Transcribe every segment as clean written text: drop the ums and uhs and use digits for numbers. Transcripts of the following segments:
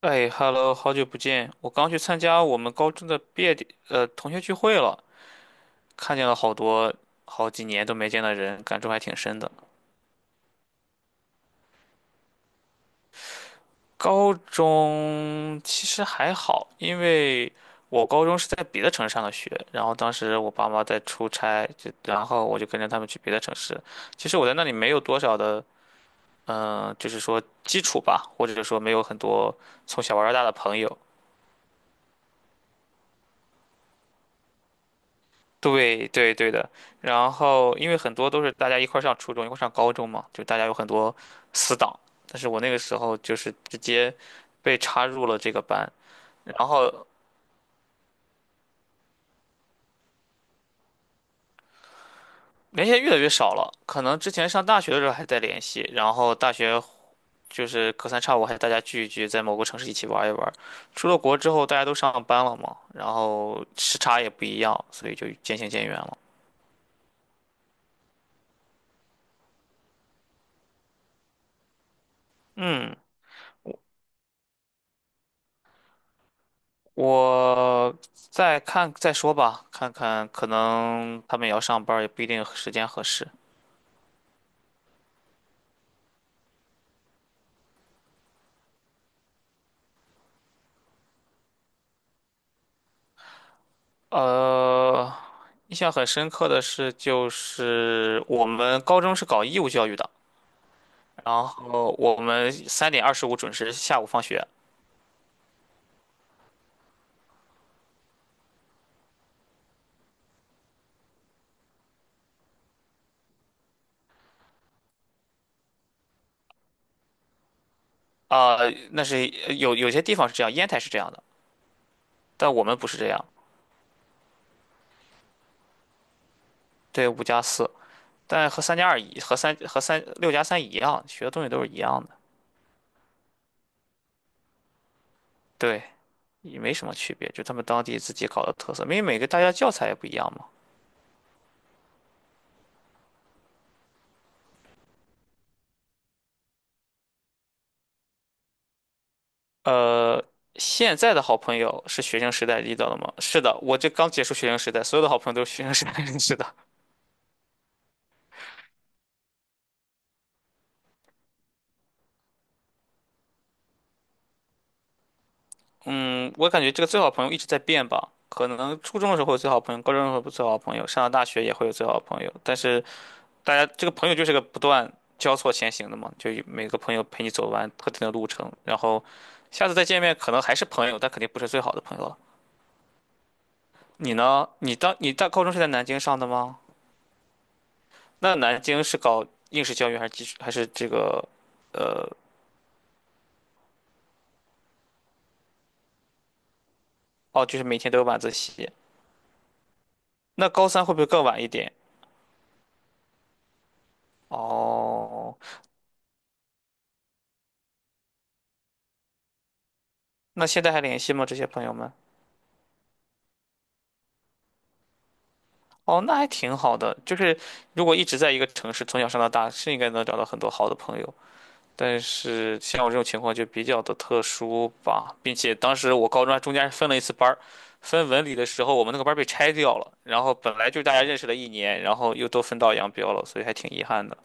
哎，Hello，好久不见！我刚去参加我们高中的毕业典呃同学聚会了，看见了好几年都没见的人，感触还挺深的。高中其实还好，因为我高中是在别的城市上的学，然后当时我爸妈在出差，就然后我就跟着他们去别的城市。其实我在那里没有多少的，就是说基础吧，或者说没有很多从小玩到大的朋友。对对对的，然后因为很多都是大家一块儿上初中，一块儿上高中嘛，就大家有很多死党。但是我那个时候就是直接被插入了这个班，然后联系得越来越少了。可能之前上大学的时候还在联系，然后大学就是隔三差五还大家聚一聚，在某个城市一起玩一玩。出了国之后，大家都上班了嘛，然后时差也不一样，所以就渐行渐远了。嗯。我再看再说吧，看看可能他们也要上班儿也不一定时间合适。呃，印象很深刻的是，就是我们高中是搞义务教育的，然后我们3:25准时下午放学。啊、那是有些地方是这样，烟台是这样的，但我们不是这样。对，五加四，但和三加二一和三和三六加三一样，学的东西都是一样的。对。也没什么区别，就他们当地自己搞的特色，因为每个大家教材也不一样嘛。呃，现在的好朋友是学生时代遇到的吗？是的，我这刚结束学生时代，所有的好朋友都是学生时代认识的。嗯，我感觉这个最好朋友一直在变吧，可能初中的时候会有最好朋友，高中的时候不最好朋友，上了大学也会有最好朋友，但是大家这个朋友就是个不断交错前行的嘛，就每个朋友陪你走完特定的路程，然后下次再见面可能还是朋友，但肯定不是最好的朋友了。你呢？你当你大高中是在南京上的吗？那南京是搞应试教育还是基础还是这个，呃，哦，就是每天都有晚自习。那高三会不会更晚一点？哦，那现在还联系吗？这些朋友们？哦，那还挺好的。就是如果一直在一个城市，从小上到大，是应该能找到很多好的朋友。但是像我这种情况就比较的特殊吧，并且当时我高中还中间还分了一次班儿，分文理的时候我们那个班儿被拆掉了，然后本来就大家认识了一年，然后又都分道扬镳了，所以还挺遗憾的。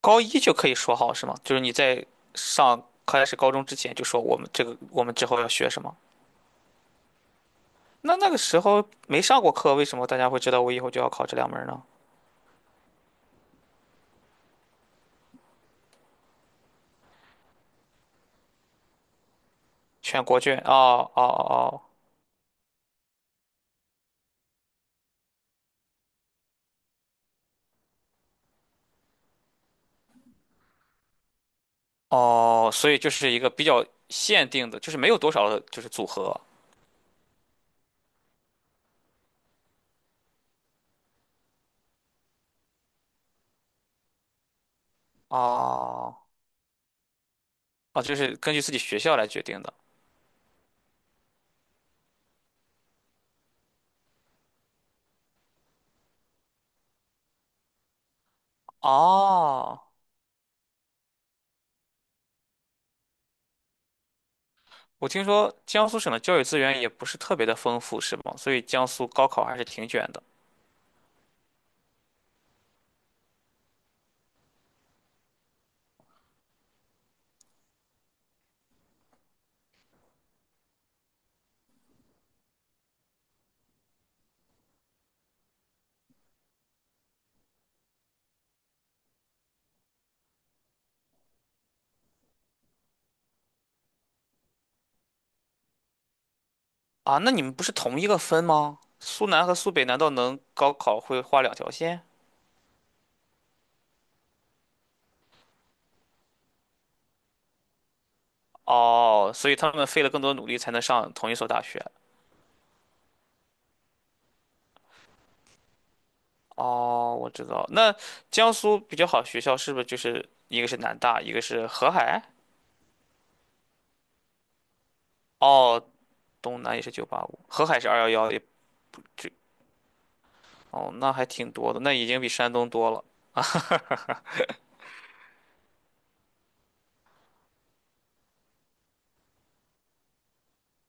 高一就可以说好是吗？就是你在上开始高中之前就说我们这个我们之后要学什么，那那个时候没上过课，为什么大家会知道我以后就要考这两门呢？全国卷，哦哦哦哦，所以就是一个比较限定的，就是没有多少的就是组合。哦，哦，就是根据自己学校来决定的。哦，我听说江苏省的教育资源也不是特别的丰富，是吗？所以江苏高考还是挺卷的。啊，那你们不是同一个分吗？苏南和苏北难道能高考会画两条线？哦，所以他们费了更多努力才能上同一所大学。哦，我知道。那江苏比较好的学校是不是就是一个是南大，一个是河海？哦，东南也是九八五，河海是二幺幺，哦，那还挺多的，那已经比山东多了。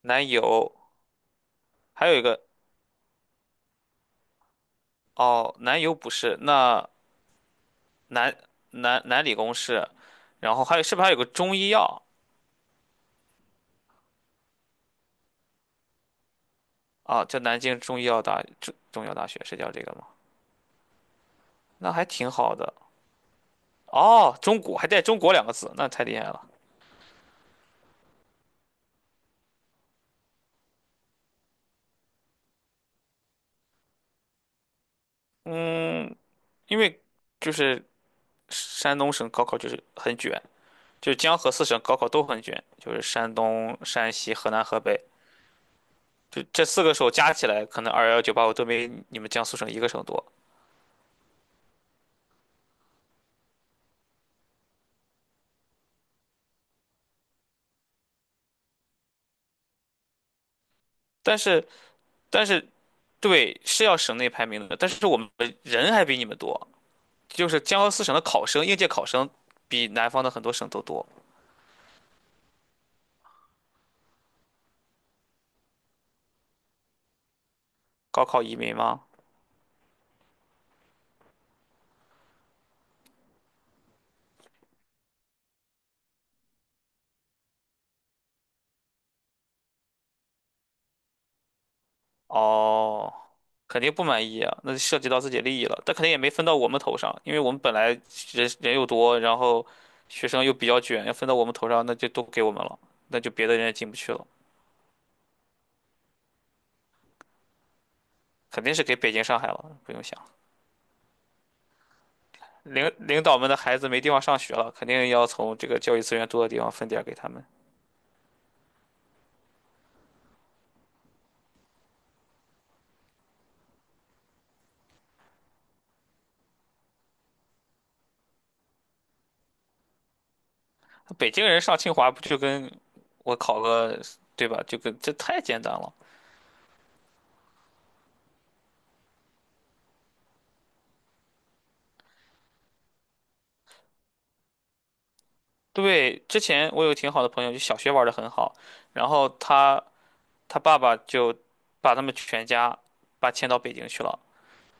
南邮还有一个。哦，南邮不是，那南南理工是，然后还有是不是还有个中医药？啊？叫南京中医药大中医药大学是叫这个吗？那还挺好的。哦，中国还带“中国”两个字，那太厉害了。嗯，因为就是山东省高考就是很卷，就是江河四省高考都很卷，就是山东、山西、河南、河北。就这四个省加起来，可能211 985都没你们江苏省一个省多。但是，但是，对，是要省内排名的，但是我们人还比你们多，就是江苏省的考生，应届考生比南方的很多省都多。高考移民吗？哦，肯定不满意啊，那就涉及到自己利益了，但肯定也没分到我们头上，因为我们本来人人又多，然后学生又比较卷，要分到我们头上，那就都给我们了，那就别的人也进不去了，肯定是给北京、上海了，不用想。领导们的孩子没地方上学了，肯定要从这个教育资源多的地方分点儿给他们。北京人上清华不就跟我考个，对吧？就跟这太简单了。对，之前我有挺好的朋友，就小学玩的很好，然后他爸爸就把他们全家把迁到北京去了，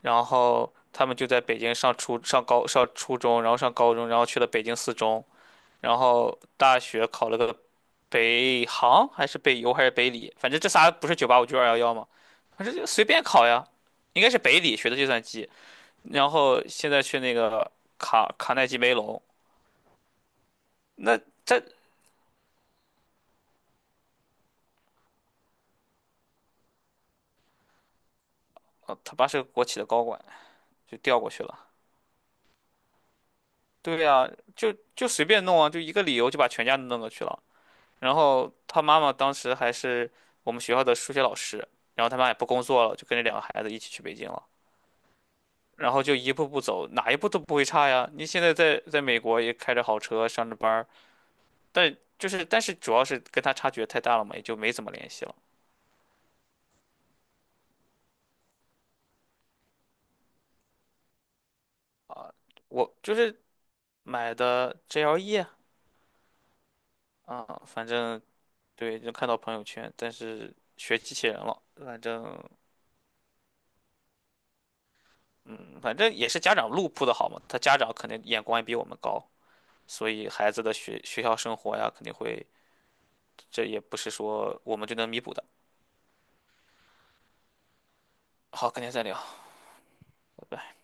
然后他们就在北京上初中，然后上高中，然后去了北京四中。然后大学考了个北航还是北邮还是北理，反正这仨不是九八五就二幺幺嘛，反正就随便考呀，应该是北理学的计算机，然后现在去那个卡耐基梅隆，那这哦，他爸是个国企的高管，就调过去了。对呀，就随便弄啊，就一个理由就把全家都弄过去了。然后他妈妈当时还是我们学校的数学老师，然后他妈也不工作了，就跟着两个孩子一起去北京了。然后就一步步走，哪一步都不会差呀。你现在在美国也开着好车上着班儿，但是主要是跟他差距太大了嘛，也就没怎么联系了。我就是买的 GLE。 啊，啊反正对，就看到朋友圈，但是学机器人了，反正反正也是家长路铺的好嘛，他家长肯定眼光也比我们高，所以孩子的学校生活呀，肯定会，这也不是说我们就能弥补的。好，改天再聊，拜拜。